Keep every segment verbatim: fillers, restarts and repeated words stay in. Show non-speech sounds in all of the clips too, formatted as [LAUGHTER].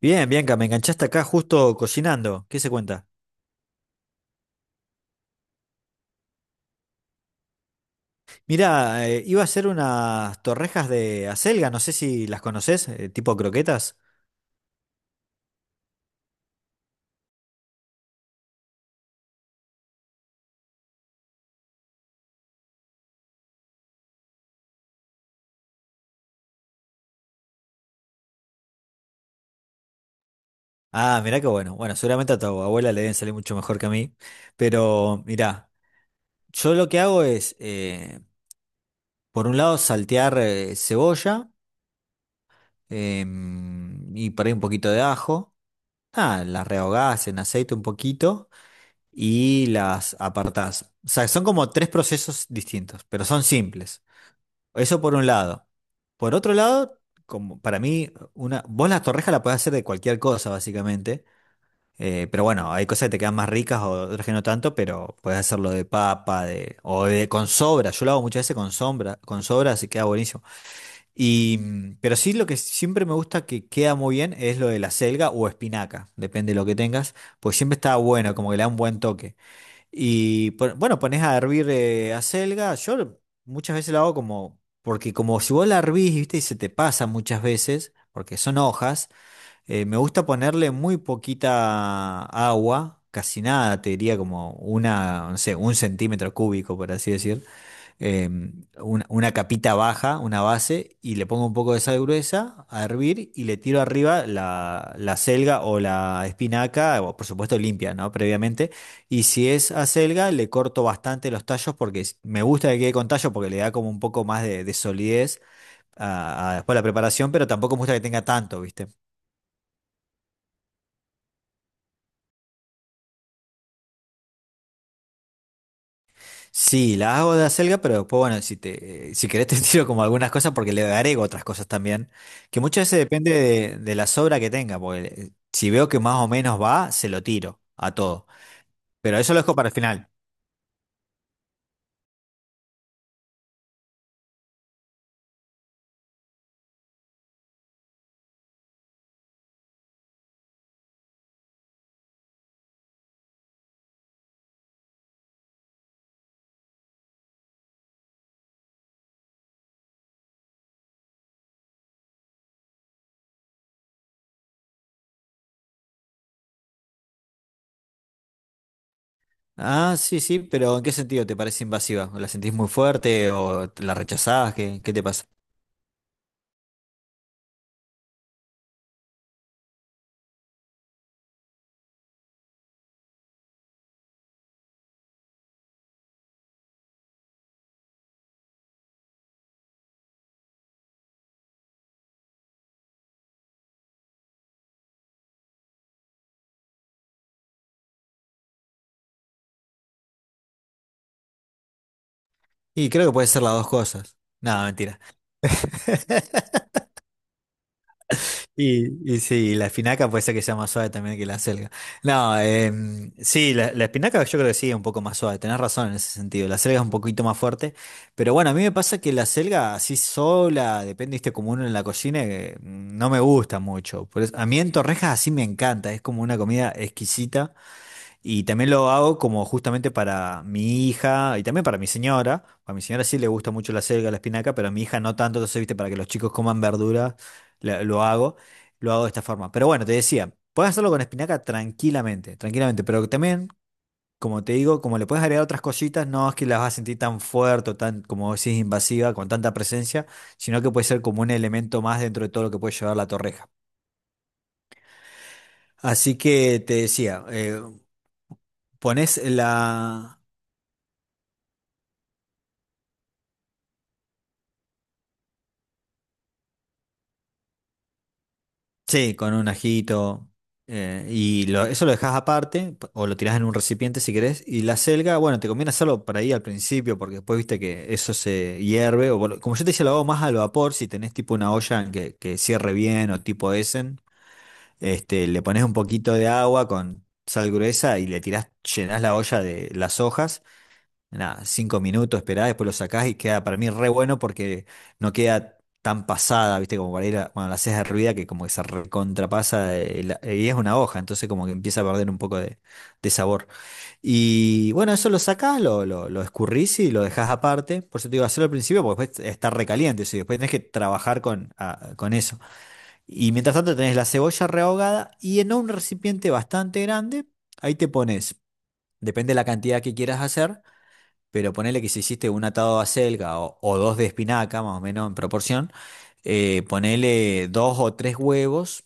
Bien, Bianca, me enganchaste acá justo cocinando. ¿Qué se cuenta? Mira, iba a hacer unas torrejas de acelga, no sé si las conoces, eh, tipo croquetas. Ah, mirá qué bueno. Bueno, seguramente a tu abuela le deben salir mucho mejor que a mí. Pero mirá, yo lo que hago es, eh, por un lado, saltear eh, cebolla em, y por ahí un poquito de ajo. Ah, las rehogás en aceite un poquito y las apartás. O sea, son como tres procesos distintos, pero son simples. Eso por un lado. Por otro lado, como para mí, una, vos las torrejas la podés hacer de cualquier cosa, básicamente. Eh, pero bueno, hay cosas que te quedan más ricas o otras que no tanto, pero podés hacerlo de papa, de, o de con sobra. Yo lo hago muchas veces con sombra, con sobra, así queda buenísimo. Y, mm, pero sí lo que siempre me gusta que queda muy bien es lo de la selga o espinaca, depende de lo que tengas, pues siempre está bueno, como que le da un buen toque. Y pon- bueno, pones a hervir eh, acelga. Yo muchas veces lo hago como, porque como si vos la hervís, viste, y se te pasa muchas veces, porque son hojas, eh, me gusta ponerle muy poquita agua, casi nada, te diría como una, no sé, un centímetro cúbico, por así decir, eh, una, una capita baja, una base, y le pongo un poco de sal gruesa a hervir y le tiro arriba la, la selga o la espinaca, o por supuesto limpia, ¿no? Previamente. Y si es acelga, le corto bastante los tallos porque s- me gusta que quede con tallo porque le da como un poco más de, de solidez a, a después la preparación, pero tampoco me gusta que tenga tanto, ¿viste? Sí, la hago de acelga, pero después, bueno, si te, si querés te [LAUGHS] tiro como algunas cosas porque le agrego otras cosas también, que muchas veces depende de, de la sobra que tenga, porque eh, si veo que más o menos va, se lo tiro a todo, pero eso lo dejo para el final. Ah, sí, sí, pero ¿en qué sentido te parece invasiva? ¿La sentís muy fuerte o la rechazás? ¿Qué, qué te pasa? Y creo que puede ser las dos cosas. No, mentira. [LAUGHS] Y, y sí, la espinaca puede ser que sea más suave también que la acelga. No, em, sí, la, la espinaca yo creo que sí es un poco más suave, tenés razón en ese sentido. La acelga es un poquito más fuerte, pero bueno, a mí me pasa que la acelga así sola, depende, viste, como uno en la cocina, eh, no me gusta mucho. Por eso- a mí en torrejas así me encanta, es como una comida exquisita. Y también lo hago como justamente para mi hija y también para mi señora. A mi señora sí le gusta mucho la selga, la espinaca, pero a mi hija no tanto. Entonces, viste, para que los chicos coman verdura, la- lo hago. Lo hago de esta forma. Pero bueno, te decía, puedes hacerlo con espinaca tranquilamente, tranquilamente. Pero también, como te digo, como le puedes agregar otras cositas, no es que las vas a sentir tan fuerte o tan, como decís, invasiva, con tanta presencia, sino que puede ser como un elemento más dentro de todo lo que puede llevar la torreja. Así que te decía, eh, pones la. Sí, con un ajito. eh, y lo- eso lo dejas aparte p- o lo tirás en un recipiente si querés. Y la selga, bueno, te conviene hacerlo para ahí al principio porque después viste que eso se hierve. O, vol- como yo te decía, lo hago más al vapor si tenés tipo una olla en que, que cierre bien o tipo Essen. Este, le pones un poquito de agua con sal gruesa y le tirás, llenás la olla de las hojas, nada, cinco minutos, esperá, después lo sacás y queda para mí re bueno porque no queda tan pasada, ¿viste? Como para ir a, cuando la haces hervida que como que se recontrapasa, eh, la- y es una hoja, entonces como que empieza a perder un poco de, de sabor. Y bueno, eso lo sacás, lo, lo, lo escurrís y lo dejás aparte. Por eso te digo, hacerlo al principio porque después está recaliente, eso, y después tenés que trabajar con, ah, con eso. Y mientras tanto tenés la cebolla rehogada y en un recipiente bastante grande, ahí te pones, depende de la cantidad que quieras hacer, pero ponele que si hiciste un atado de acelga o, o dos de espinaca, más o menos en proporción, eh, ponele dos o tres huevos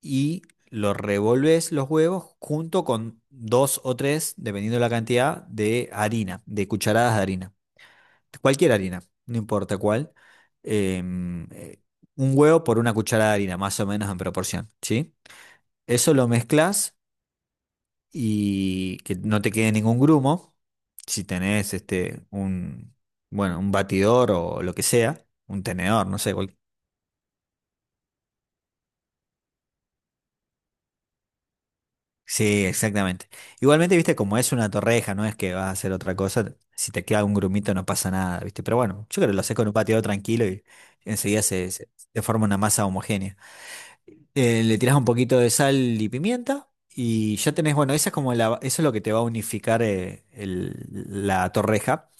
y lo revolves los huevos junto con dos o tres, dependiendo de la cantidad, de harina, de cucharadas de harina. Cualquier harina, no importa cuál. em, eh, un huevo por una cucharada de harina, más o menos en proporción, ¿sí? Eso lo mezclas y que no te quede ningún grumo. Si tenés este un bueno, un batidor o lo que sea, un tenedor, no sé, cual- Sí, exactamente. Igualmente, viste, como es una torreja, no es que vas a hacer otra cosa, si te queda un grumito no pasa nada, viste, pero bueno, yo creo que lo haces con un batidor tranquilo y enseguida se, se, se forma una masa homogénea. Eh, le tirás un poquito de sal y pimienta y ya tenés, bueno, esa es como la, eso es lo que te va a unificar, eh, el- la torreja.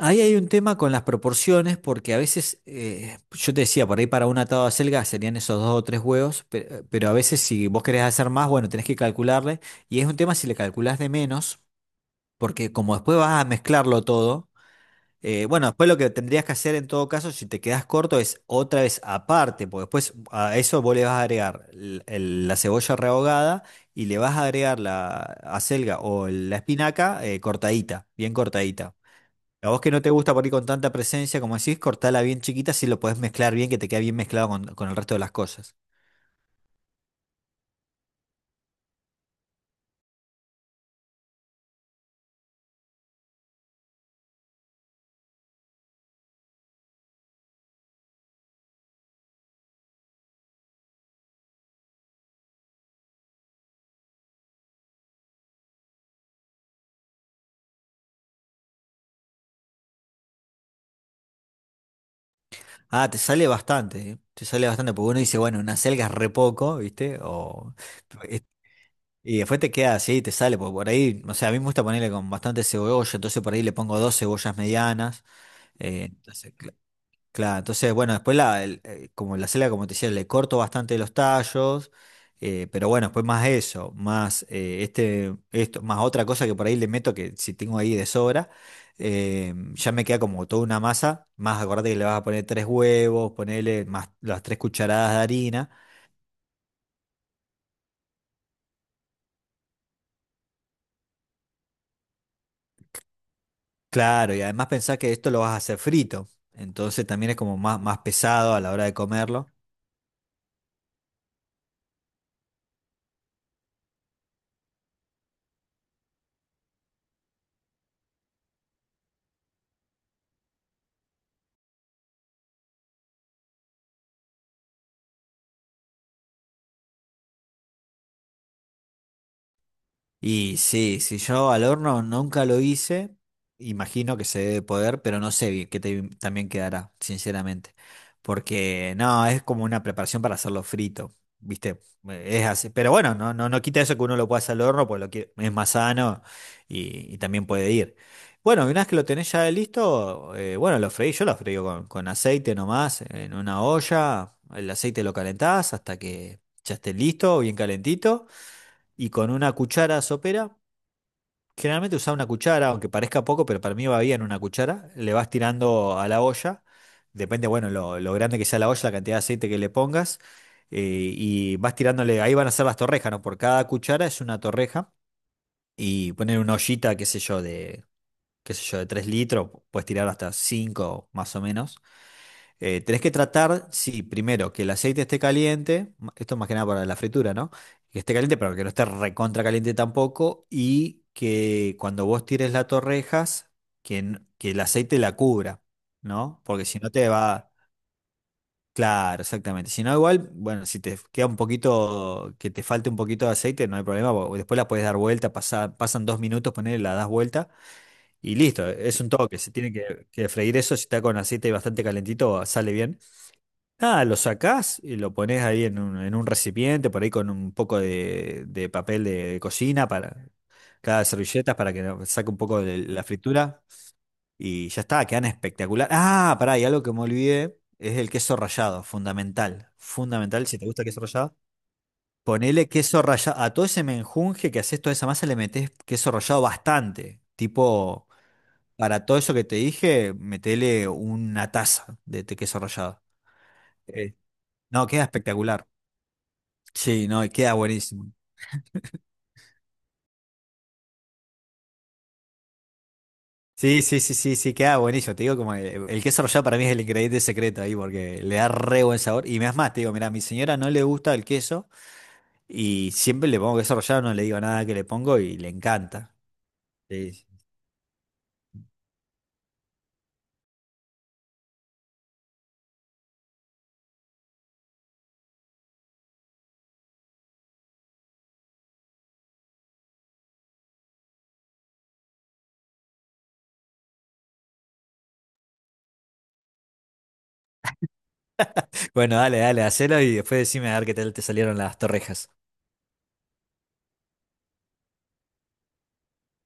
Ahí hay un tema con las proporciones, porque a veces, eh, yo te decía, por ahí para un atado de acelga serían esos dos o tres huevos, pe- pero, a veces si vos querés hacer más, bueno, tenés que calcularle, y es un tema si le calculás de menos, porque como después vas a mezclarlo todo, eh, bueno, después lo que tendrías que hacer en todo caso, si te quedás corto, es otra vez aparte, porque después a eso vos le vas a agregar el- el- la cebolla rehogada y le vas a agregar la acelga o la espinaca, eh, cortadita, bien cortadita. A vos que no te gusta por ahí con tanta presencia, como decís, cortala bien chiquita si lo podés mezclar bien, que te queda bien mezclado con, con el resto de las cosas. Ah, te sale bastante, ¿eh? Te sale bastante, porque uno dice, bueno, una acelga es re poco, ¿viste? O, es- y después te queda así, te sale, porque por ahí, o sea, a mí me gusta ponerle con bastante cebolla, entonces por ahí le pongo dos cebollas medianas, eh, entonces, Claro, entonces, bueno, después la, el- eh, como la selga, como te decía, le corto bastante los tallos, eh, pero bueno, después más eso, más eh, este, esto, más otra cosa que por ahí le meto que si tengo ahí de sobra, eh, ya me queda como toda una masa, más acordate que le vas a poner tres huevos, ponerle más las tres cucharadas de harina, claro, y además pensás que esto lo vas a hacer frito, entonces también es como más, más pesado a la hora de comerlo. Y sí, si yo al horno nunca lo hice, imagino que se debe poder, pero no sé bien qué te- también quedará, sinceramente. Porque no, es como una preparación para hacerlo frito, ¿viste? Eh, Es así. Pero bueno, no, no, no quita eso que uno lo pueda hacer al horno, pues lo que es más sano y, y también puede ir. Bueno, y una vez que lo tenés ya listo, eh, bueno, lo freí, yo lo freí con, con aceite nomás, en una olla, el aceite lo calentás hasta que ya esté listo, bien calentito y con una cuchara sopera. Generalmente usás una cuchara, aunque parezca poco, pero para mí va bien una cuchara. Le vas tirando a la olla. Depende, bueno, lo, lo grande que sea la olla, la cantidad de aceite que le pongas. eh, y vas tirándole, ahí van a ser las torrejas, ¿no? Por cada cuchara es una torreja. Y poner una ollita, qué sé yo, de, qué sé yo, de tres litros, puedes tirar hasta cinco más o menos. Eh, tenés que tratar, sí, primero que el aceite esté caliente, ma- esto más que nada para la fritura, ¿no? Que esté caliente, pero que no esté recontra caliente tampoco, y que cuando vos tires las torrejas, que, n- que el aceite la cubra, ¿no? Porque si no te va. Claro, exactamente. Si no, igual, bueno, si te queda un poquito, que te falte un poquito de aceite, no hay problema, porque después la puedes dar vuelta, pasa- pasan dos minutos, ponerle la das vuelta y listo, es un toque, se tiene que, que freír eso, si está con aceite bastante calentito, sale bien. Nada, lo sacás y lo pones ahí en un, en un recipiente, por ahí con un poco de, de papel de, de cocina para cada servilleta para que no- saque un poco de la fritura y ya está, quedan espectacular. Ah, pará, y algo que me olvidé es el queso rallado, fundamental, fundamental, si te gusta el queso rallado, ponele queso rallado, a todo ese menjunje que haces, toda esa masa le metés queso rallado bastante, tipo, para todo eso que te dije, metele una taza de, de queso rallado. Eh, no, queda espectacular. Sí, no, y queda buenísimo. Sí, sí, sí, sí, sí, queda buenísimo. Te digo como el, el queso rallado para mí es el ingrediente secreto ahí porque le da re buen sabor. Y me das más, te digo, mira, a mi señora no le gusta el queso y siempre le pongo queso rallado, no le digo nada que le pongo y le encanta. Sí. sí. Bueno, dale, dale, hacelo y después decime a ver qué tal te salieron las torrejas.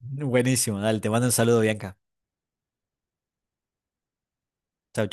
Buenísimo, dale, te mando un saludo, Bianca. Chau.